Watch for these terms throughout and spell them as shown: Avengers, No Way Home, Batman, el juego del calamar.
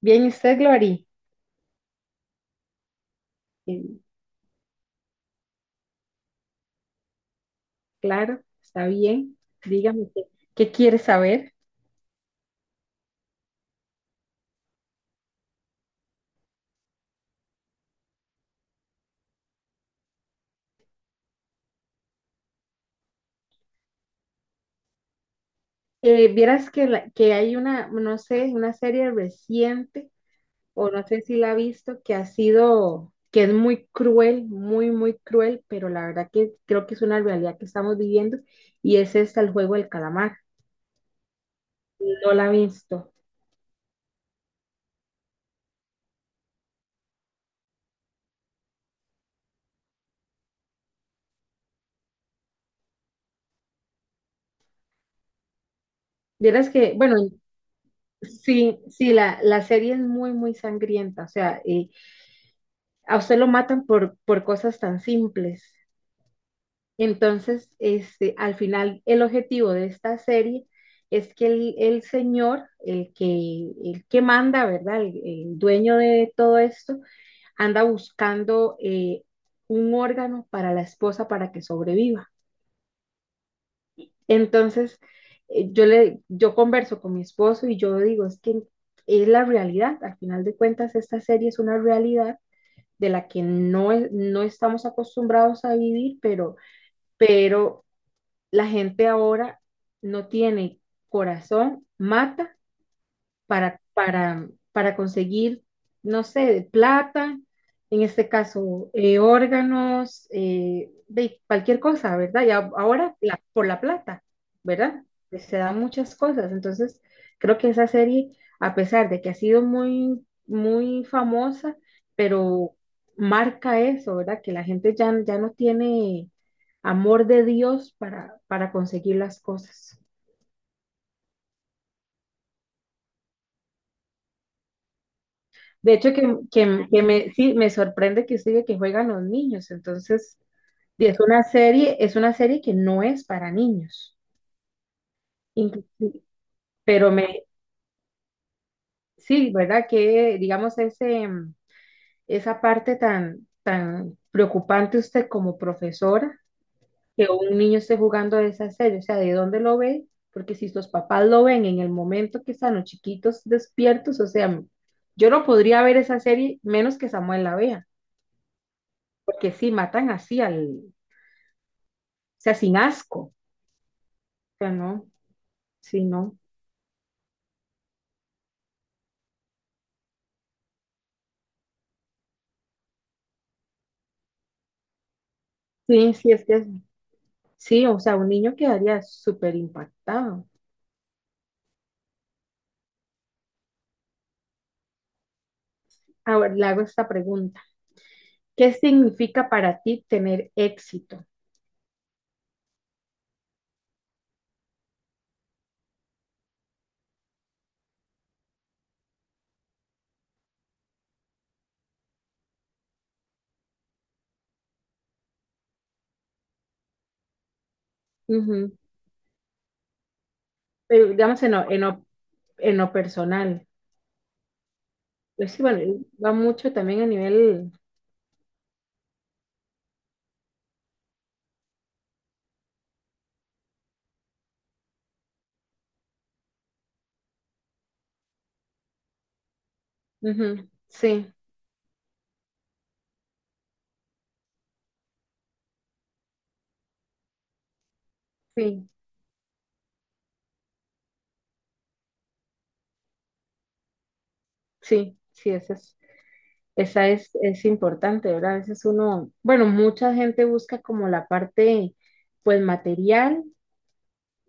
Bien, ¿y usted, Glory? Bien, claro, está bien. Dígame qué. ¿Qué quiere saber? Vieras que, que hay una, no sé, una serie reciente, o no sé si la ha visto, que ha sido, que es muy cruel, muy, muy cruel, pero la verdad que creo que es una realidad que estamos viviendo, y es esta, el juego del calamar. No la ha visto. Vieras que, bueno, sí, sí, la serie es muy, muy sangrienta, o sea, a usted lo matan por cosas tan simples. Entonces, este, al final, el objetivo de esta serie es que el señor, el que manda, ¿verdad? El dueño de todo esto, anda buscando un órgano para la esposa para que sobreviva. Entonces, yo, le, yo converso con mi esposo y yo digo, es que es la realidad, al final de cuentas, esta serie es una realidad de la que no, es no estamos acostumbrados a vivir, pero la gente ahora no tiene corazón, mata para conseguir, no sé, plata, en este caso, órganos, de cualquier cosa, ¿verdad? Y ahora por la plata, ¿verdad? Pues se dan muchas cosas. Entonces, creo que esa serie, a pesar de que ha sido muy, muy famosa, pero marca eso, ¿verdad? Que la gente ya, ya no tiene amor de Dios para conseguir las cosas. De hecho, que me, sí, me sorprende que usted diga que juegan los niños. Entonces, y es una serie que no es para niños. Inclusi- Pero me, sí, ¿verdad? Que digamos ese, esa parte tan, tan preocupante usted como profesora, que un niño esté jugando a esa serie, o sea, ¿de dónde lo ve? Porque si sus papás lo ven en el momento que están los chiquitos despiertos, o sea, yo no podría ver esa serie menos que Samuel la vea, porque sí, matan así al, sea, sin asco, o sea, no, sí, no. Sí, sí, es que sí, o sea, un niño quedaría súper impactado. Ahora le hago esta pregunta. ¿Qué significa para ti tener éxito? Ujú. Pero, digamos, en lo, en lo personal. Pues sí, bueno, va mucho también a nivel... Ujú, sí, sí, sí, sí, esa es importante, ¿verdad? A veces uno, bueno, mucha gente busca como la parte, pues, material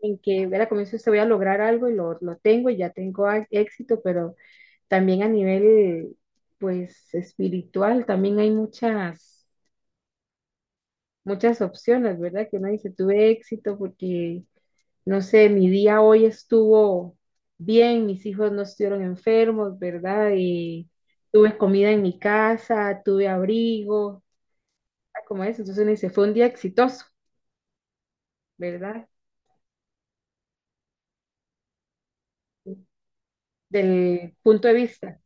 en que era como dice usted, voy a lograr algo y lo tengo y ya tengo éxito, pero también a nivel, pues, espiritual, también hay muchas, muchas opciones, ¿verdad? Que uno dice, tuve éxito porque, no sé, mi día hoy estuvo bien, mis hijos no estuvieron enfermos, ¿verdad? Y tuve comida en mi casa, tuve abrigo, como eso, entonces uno dice, fue un día exitoso, ¿verdad? Del punto de vista.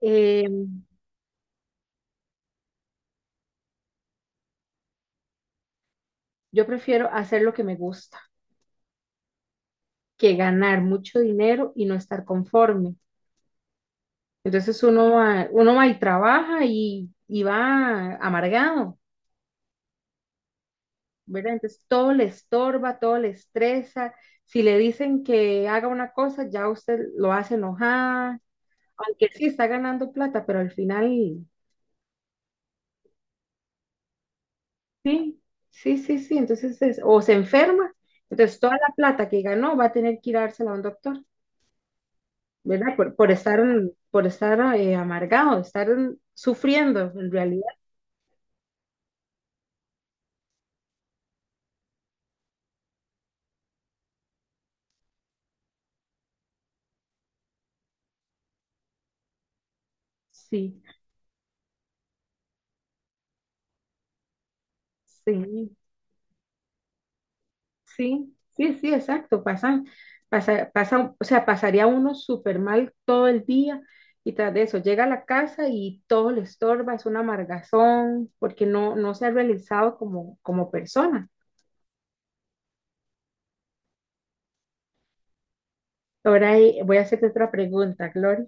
Eh, Yo prefiero hacer lo que me gusta que ganar mucho dinero y no estar conforme. Entonces uno va y trabaja y va amargado, ¿verdad? Entonces todo le estorba, todo le estresa. Si le dicen que haga una cosa, ya usted lo hace enojada, aunque sí está ganando plata, pero al final, sí, sí, sí, sí. Entonces, o se enferma, entonces toda la plata que ganó va a tener que ir a dársela a un doctor. ¿Verdad? Por estar amargado, estar sufriendo en realidad. Sí, sí, sí, sí, sí, exacto. Pasan, pasa, pasa, o sea, pasaría uno súper mal todo el día y tras de eso llega a la casa y todo le estorba, es una amargazón porque no, no se ha realizado como, como persona. Ahora voy a hacerte otra pregunta, Gloria.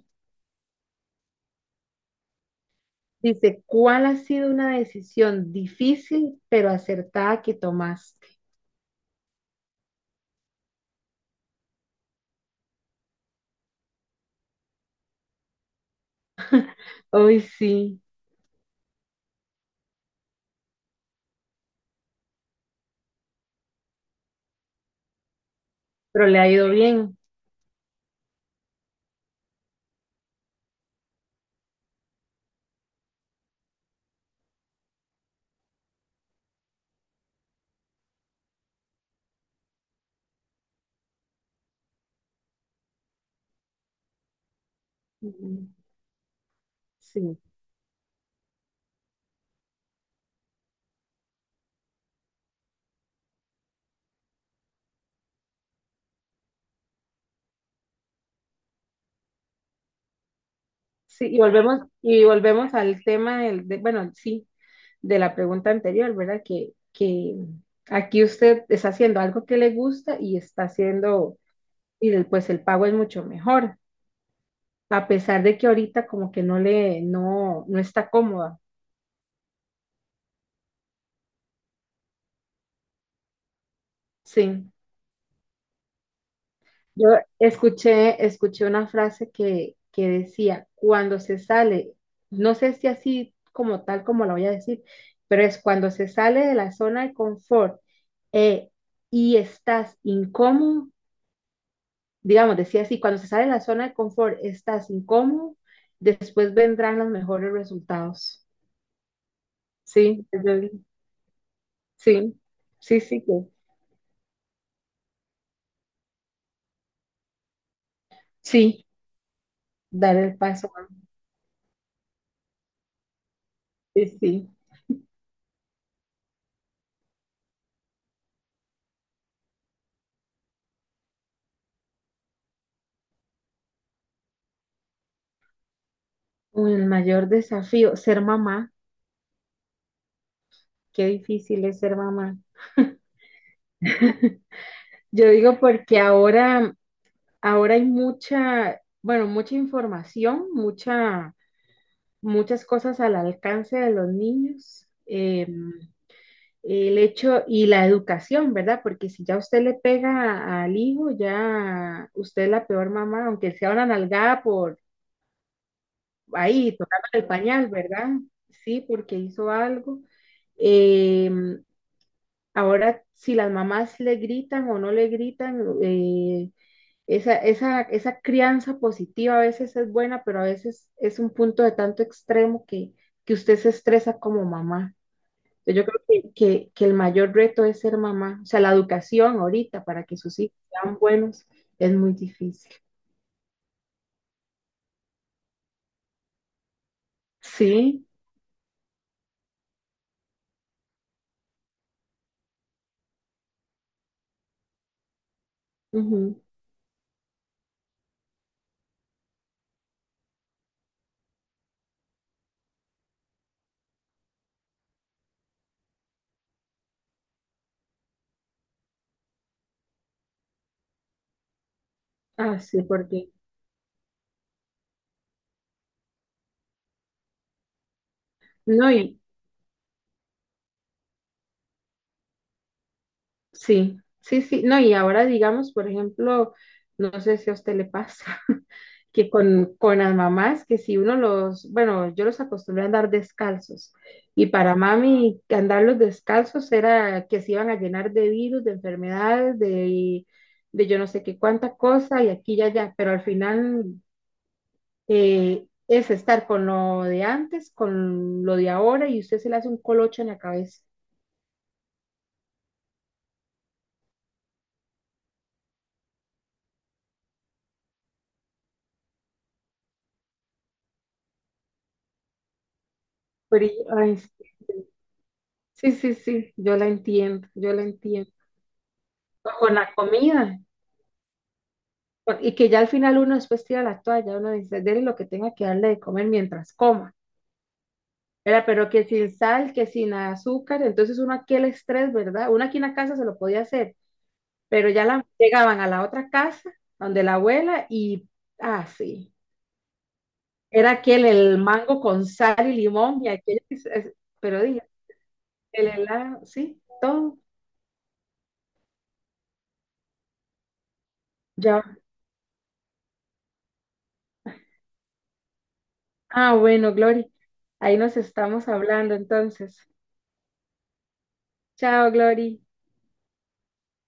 Dice, ¿cuál ha sido una decisión difícil pero acertada que tomaste? Hoy sí. Pero le ha ido bien. Ujú. Sí, sí, y volvemos al tema del, bueno, sí, de la pregunta anterior, ¿verdad? Que aquí usted está haciendo algo que le gusta y está haciendo, y pues el pago es mucho mejor, a pesar de que ahorita como que no le, no, no está cómoda. Sí. Yo escuché, escuché una frase que decía, cuando se sale, no sé si así como tal como la voy a decir, pero es cuando se sale de la zona de confort eh, y estás incómodo, digamos, decía así, cuando se sale de la zona de confort, estás incómodo, después vendrán los mejores resultados. Sí, sí, sí, sí, sí, dar el paso. Sí, sí. El mayor desafío, ser mamá. Qué difícil es ser mamá. Yo digo porque ahora, ahora hay mucha, bueno, mucha información, mucha, muchas cosas al alcance de los niños. El hecho y la educación, ¿verdad? Porque si ya usted le pega al hijo, ya usted es la peor mamá, aunque sea una nalgada por ahí, tocando el pañal, ¿verdad? Sí, porque hizo algo. Eh, Ahora, si las mamás le gritan o no le gritan, esa crianza positiva a veces es buena, pero a veces es un punto de tanto extremo que usted se estresa como mamá. Entonces, yo creo que el mayor reto es ser mamá. O sea, la educación ahorita para que sus hijos sean buenos es muy difícil. Sí, ujú. Ah, sí, porque no, y sí, sí, sí, no, y ahora digamos, por ejemplo, no sé si a usted le pasa, que con las mamás, que si uno los, bueno, yo los acostumbré a andar descalzos. Y para mami, andarlos descalzos era que se iban a llenar de virus, de enfermedades, de yo no sé qué cuánta cosa, y aquí y allá. Pero al final es estar con lo de antes, con lo de ahora, y usted se le hace un colocho en la cabeza. Pero, ay, sí, sí, sí, yo la entiendo, yo la entiendo. O con la comida, y que ya al final uno después tira la toalla, uno dice, dele lo que tenga que darle de comer mientras coma, ¿verdad? Pero que sin sal, que sin azúcar, entonces uno aquí el estrés, ¿verdad? Uno aquí en la casa se lo podía hacer, pero ya la, llegaban a la otra casa, donde la abuela, y, ah, sí, era aquel el mango con sal y limón, y aquello, pero dije, el helado, sí, todo, ya. Ah, bueno, Glory, ahí nos estamos hablando entonces. Chao, Glory.